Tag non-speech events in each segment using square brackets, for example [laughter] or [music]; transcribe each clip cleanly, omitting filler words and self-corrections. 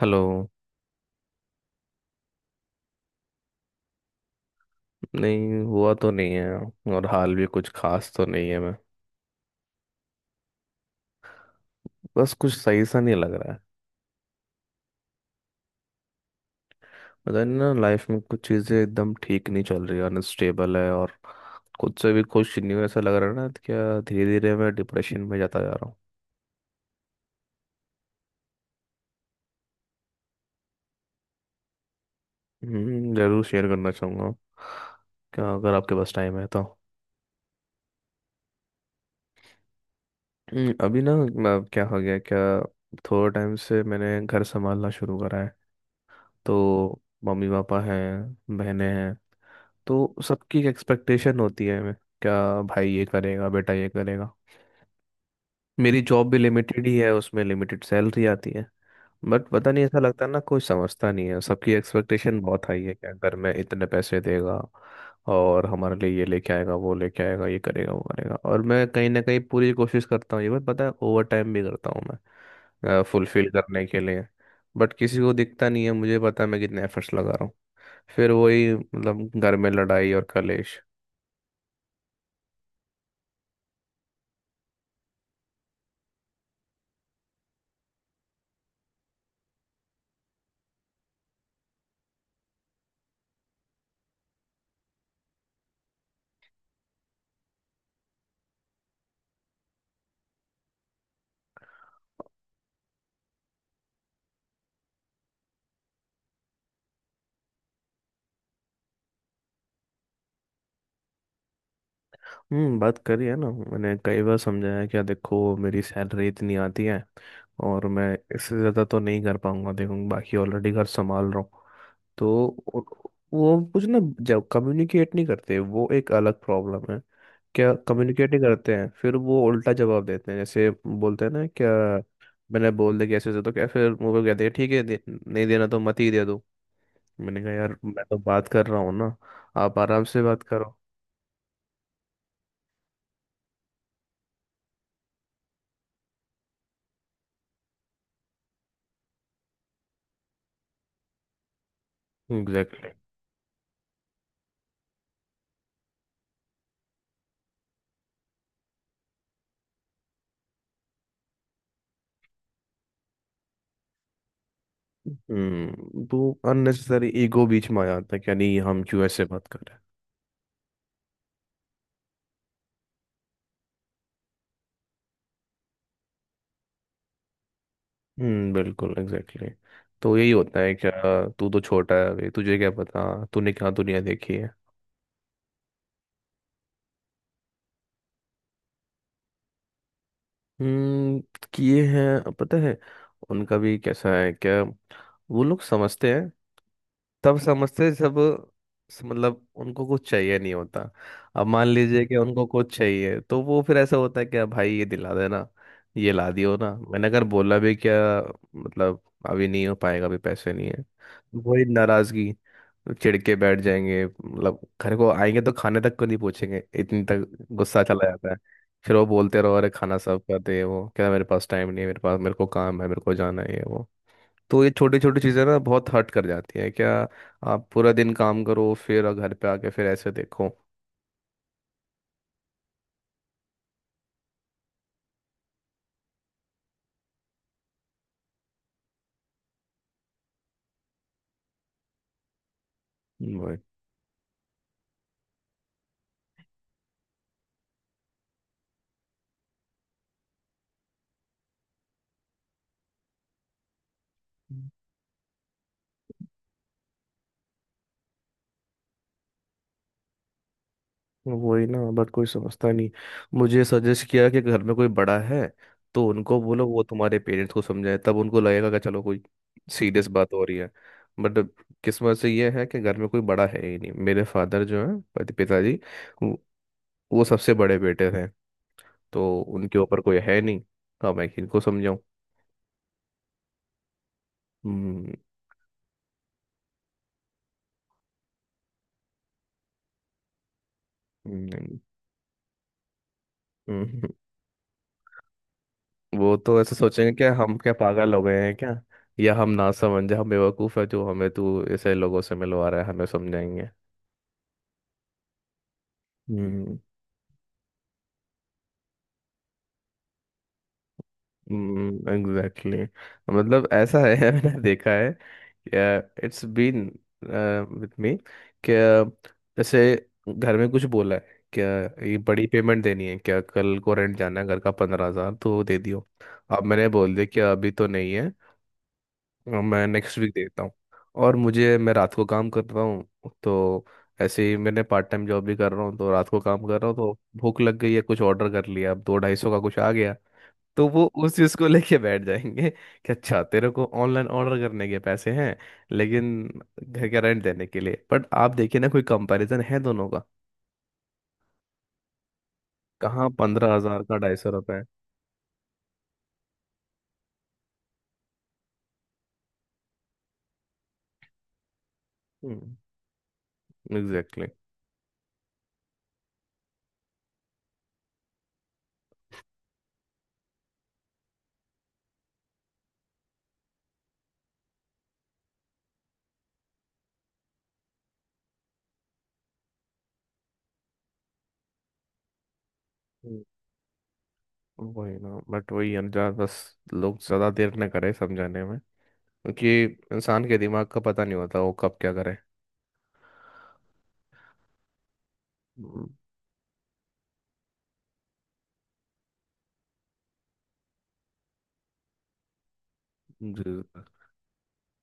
Hello. नहीं हुआ तो नहीं है, और हाल भी कुछ खास तो नहीं है। मैं बस कुछ सही सा नहीं लग रहा है। पता नहीं ना, लाइफ में कुछ चीज़ें एकदम ठीक नहीं चल रही, अनस्टेबल है। और खुद से भी खुश नहीं हूँ, ऐसा लग रहा है ना, तो क्या धीरे धीरे मैं डिप्रेशन में जाता जा रहा हूँ। जरूर शेयर करना चाहूँगा क्या, अगर आपके पास टाइम है तो। अभी ना क्या हो गया क्या। थोड़े टाइम से मैंने घर संभालना शुरू करा है। तो मम्मी पापा हैं, बहनें हैं। तो सबकी एक्सपेक्टेशन होती है मैं क्या, भाई ये करेगा, बेटा ये करेगा। मेरी जॉब भी लिमिटेड ही है, उसमें लिमिटेड सैलरी आती है। बट पता नहीं ऐसा लगता है ना, कोई समझता नहीं है। सबकी एक्सपेक्टेशन बहुत हाई है क्या, घर में इतने पैसे देगा, और हमारे लिए ये लेके आएगा, वो लेके आएगा, ये करेगा, वो करेगा। और मैं कहीं ना कहीं पूरी कोशिश करता हूँ, ये बात पता है, ओवर टाइम भी करता हूँ मैं फुलफिल करने के लिए। बट किसी को दिखता नहीं है, मुझे पता है मैं कितने एफर्ट्स लगा रहा हूँ। फिर वही मतलब, घर में लड़ाई और कलेश। हम्म, बात करी है ना, मैंने कई बार समझाया है कि देखो मेरी सैलरी इतनी आती है, और मैं इससे ज़्यादा तो नहीं कर पाऊंगा, देखो बाकी ऑलरेडी घर संभाल रहा हूँ। तो वो वो कुछ ना, जब कम्युनिकेट नहीं करते, वो एक अलग प्रॉब्लम है क्या, कम्युनिकेट नहीं करते हैं, फिर वो उल्टा जवाब देते हैं, जैसे बोलते हैं ना क्या, मैंने बोल दिया कैसे से, तो क्या फिर वो लोग कहते हैं, ठीक है दे, नहीं देना तो मत ही दे दो। मैंने कहा यार, मैं तो बात कर रहा हूँ ना, आप आराम से बात करो। एग्जैक्टली। हम्म, तो अननेसेसरी ईगो बीच में आ जाता है कि नहीं, हम क्यों ऐसे बात कर रहे हैं। हम्म, बिल्कुल एग्जैक्टली exactly। तो यही होता है क्या, तू तो छोटा है अभी, तुझे क्या पता, तूने क्या दुनिया देखी है। हम्म, किए हैं पता है। उनका भी कैसा है क्या, वो लोग समझते हैं, तब समझते सब। मतलब उनको कुछ चाहिए नहीं होता। अब मान लीजिए कि उनको कुछ चाहिए, तो वो फिर ऐसा होता है कि "अब भाई ये दिला देना, ये ला दियो ना"। मैंने अगर बोला भी क्या, मतलब अभी नहीं हो पाएगा, अभी पैसे नहीं है, वही नाराजगी। चिढ़ के बैठ जाएंगे, मतलब घर को आएंगे तो खाने तक को नहीं पूछेंगे, इतनी तक गुस्सा चला जाता है। फिर वो बोलते रहो अरे खाना सर्व कर दे, वो क्या मेरे पास टाइम नहीं है, मेरे पास, मेरे को काम है, मेरे को जाना है, ये वो। तो ये छोटी छोटी चीज़ें ना बहुत हर्ट कर जाती हैं क्या, आप पूरा दिन काम करो, फिर और घर पे आके फिर ऐसे देखो। वही, वही ना, बट कोई समझता नहीं। मुझे सजेस्ट किया कि घर में कोई बड़ा है तो उनको बोलो, वो तुम्हारे पेरेंट्स को समझाए, तब उनको लगेगा कि चलो कोई सीरियस बात हो रही है। बट किस्मत से ये है कि घर में कोई बड़ा है ही नहीं। मेरे फादर जो है, पति पिताजी, वो वो सबसे बड़े बेटे थे, तो उनके ऊपर कोई है नहीं। अब मैं किनको समझाऊं। हम्म, हम्म, हम्म, हम्म। वो तो ऐसे सोचेंगे कि हम क्या पागल हो गए हैं क्या, या हम ना समझ, हम बेवकूफ़ है, जो हमें तू ऐसे लोगों से मिलवा रहा है, हमें समझाएंगे। हम्म। Exactly exactly। मतलब ऐसा है [laughs] मैंने देखा है। इट्स बीन विथ मी क्या, जैसे घर में कुछ बोला है क्या, ये बड़ी पेमेंट देनी है क्या, कल को रेंट जाना है घर का, 15,000 तो दे दियो। अब मैंने बोल दिया कि अभी तो नहीं है, मैं नेक्स्ट वीक देखता हूँ। और मुझे, मैं रात को काम करता हूँ तो, ऐसे ही मैंने पार्ट टाइम जॉब भी कर रहा हूँ, तो रात को काम कर रहा हूँ, तो भूख लग गई है, कुछ ऑर्डर कर लिया, अब दो 250 का कुछ आ गया। तो वो उस चीज़ को [laughs] लेके बैठ जाएंगे कि अच्छा, तेरे को ऑनलाइन ऑर्डर करने के पैसे हैं, लेकिन घर का रेंट देने के लिए? बट आप देखिए ना, कोई कंपैरिजन है दोनों का, कहाँ 15,000 का 250 रुपये। एग्जैक्टली। वही ना, बट वही अंजार बस, लोग ज़्यादा देर न करे समझाने में, क्योंकि इंसान के दिमाग का पता नहीं होता, वो कब क्या करे। हम्म, जी,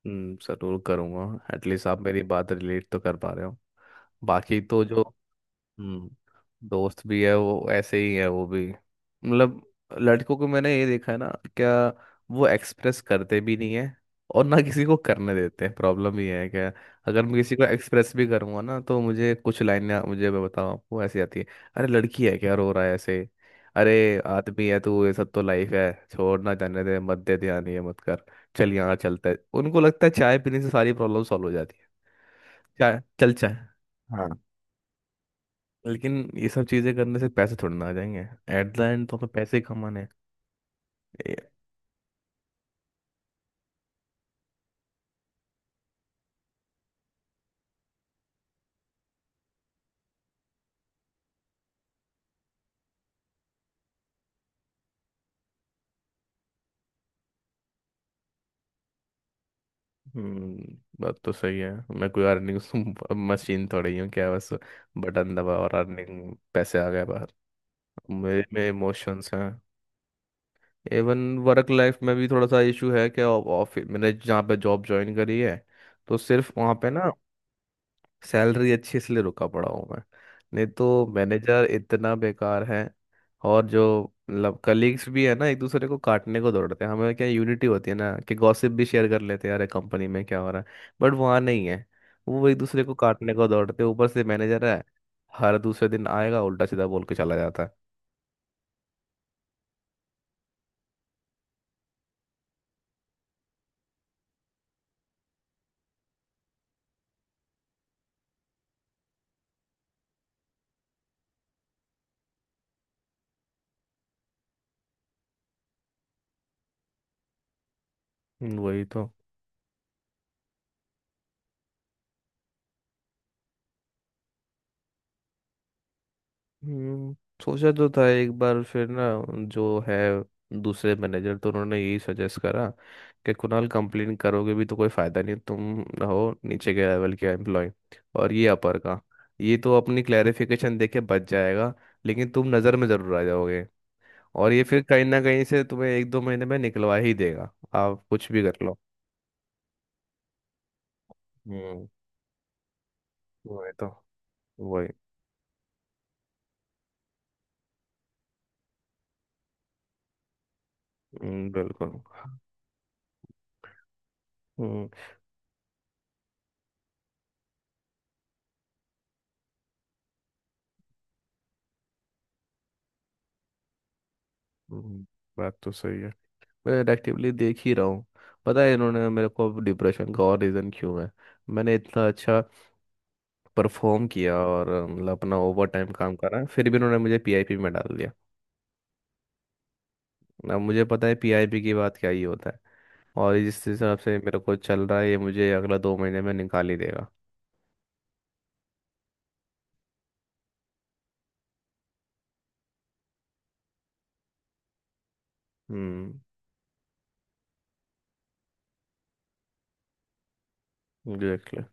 जरूर करूँगा। एटलीस्ट आप मेरी बात रिलेट तो कर पा रहे हो, बाकी तो जो। हम्म। दोस्त भी है, वो ऐसे ही है, वो भी मतलब, लड़कों को मैंने ये देखा है ना क्या, वो एक्सप्रेस करते भी नहीं है, और ना किसी को करने देते हैं। प्रॉब्लम ये है क्या, अगर मैं किसी को एक्सप्रेस भी करूंगा ना, तो मुझे कुछ लाइनें, मुझे मैं बताऊं आपको, ऐसी आती है: अरे लड़की है क्या, रो रहा है ऐसे, अरे आदमी है तू, ये सब तो लाइफ है, छोड़ ना, जाने दे, मत दे ध्यान, ये मत कर, चल यहाँ चलते हैं। उनको लगता है चाय पीने से सारी प्रॉब्लम सॉल्व हो जाती है। चाय, चल चाय। हाँ, लेकिन ये सब चीजें करने से पैसे थोड़ी ना आ जाएंगे, एट द एंड तो हमें पैसे ही कमाने हैं। ए- हम्म, बात तो सही है। मैं कोई अर्निंग [laughs] मशीन थोड़ी हूँ क्या, बस बटन दबा और अर्निंग पैसे आ गए बाहर। मेरे में इमोशंस हैं। इवन वर्क लाइफ में भी थोड़ा सा इशू है, कि ऑफिस मैंने जहाँ पे जॉब ज्वाइन करी है, तो सिर्फ वहाँ पे ना सैलरी अच्छी इसलिए रुका पड़ा हूँ मैं, नहीं तो मैनेजर इतना बेकार है। और जो, मतलब कलीग्स भी है ना, एक दूसरे को काटने को दौड़ते हैं। हमें क्या यूनिटी होती है ना कि गॉसिप भी शेयर कर लेते हैं यार, कंपनी में क्या हो रहा है, बट वहाँ नहीं है। वो एक दूसरे को काटने को दौड़ते हैं, ऊपर से मैनेजर है, हर दूसरे दिन आएगा, उल्टा सीधा बोल के चला जाता है। वही तो। हम्म, सोचा तो था एक बार, फिर ना जो है दूसरे मैनेजर, तो उन्होंने यही सजेस्ट करा कि कुणाल, कंप्लेन करोगे भी तो कोई फायदा नहीं, तुम हो नीचे के लेवल के एम्प्लॉय, और ये अपर का, ये तो अपनी क्लैरिफिकेशन दे के बच जाएगा, लेकिन तुम नज़र में ज़रूर आ जाओगे, और ये फिर कहीं ना कहीं से तुम्हें एक दो महीने में निकलवा ही देगा, आप कुछ भी कर लो। हम्म, वही तो, वही। बिल्कुल। हम्म। हम्म, बात तो सही है, मैं एक्टिवली देख ही रहा हूँ। पता है इन्होंने मेरे को डिप्रेशन का और रीज़न क्यों है, मैंने इतना अच्छा परफॉर्म किया और मतलब अपना ओवर टाइम काम करा, फिर भी इन्होंने मुझे पीआईपी में डाल दिया। अब मुझे पता है पीआईपी की बात क्या ही होता है, और जिस हिसाब से मेरे को चल रहा है, ये मुझे अगला 2 महीने में निकाल ही देगा। हम्म। एग्जैक्टली।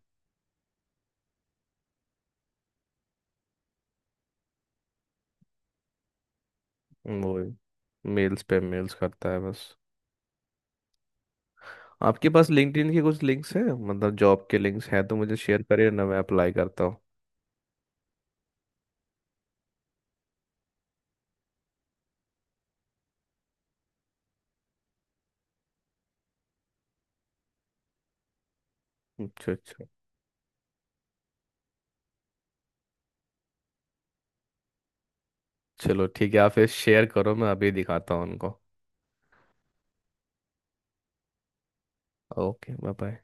वही, मेल्स पे मेल्स करता है बस। आपके पास लिंक्डइन के कुछ लिंक्स हैं, मतलब जॉब के लिंक्स हैं, तो मुझे शेयर करिए ना, मैं अप्लाई करता हूँ। अच्छा अच्छा। चलो ठीक है, आप फिर शेयर करो, मैं अभी दिखाता हूँ उनको। Okay, bye bye.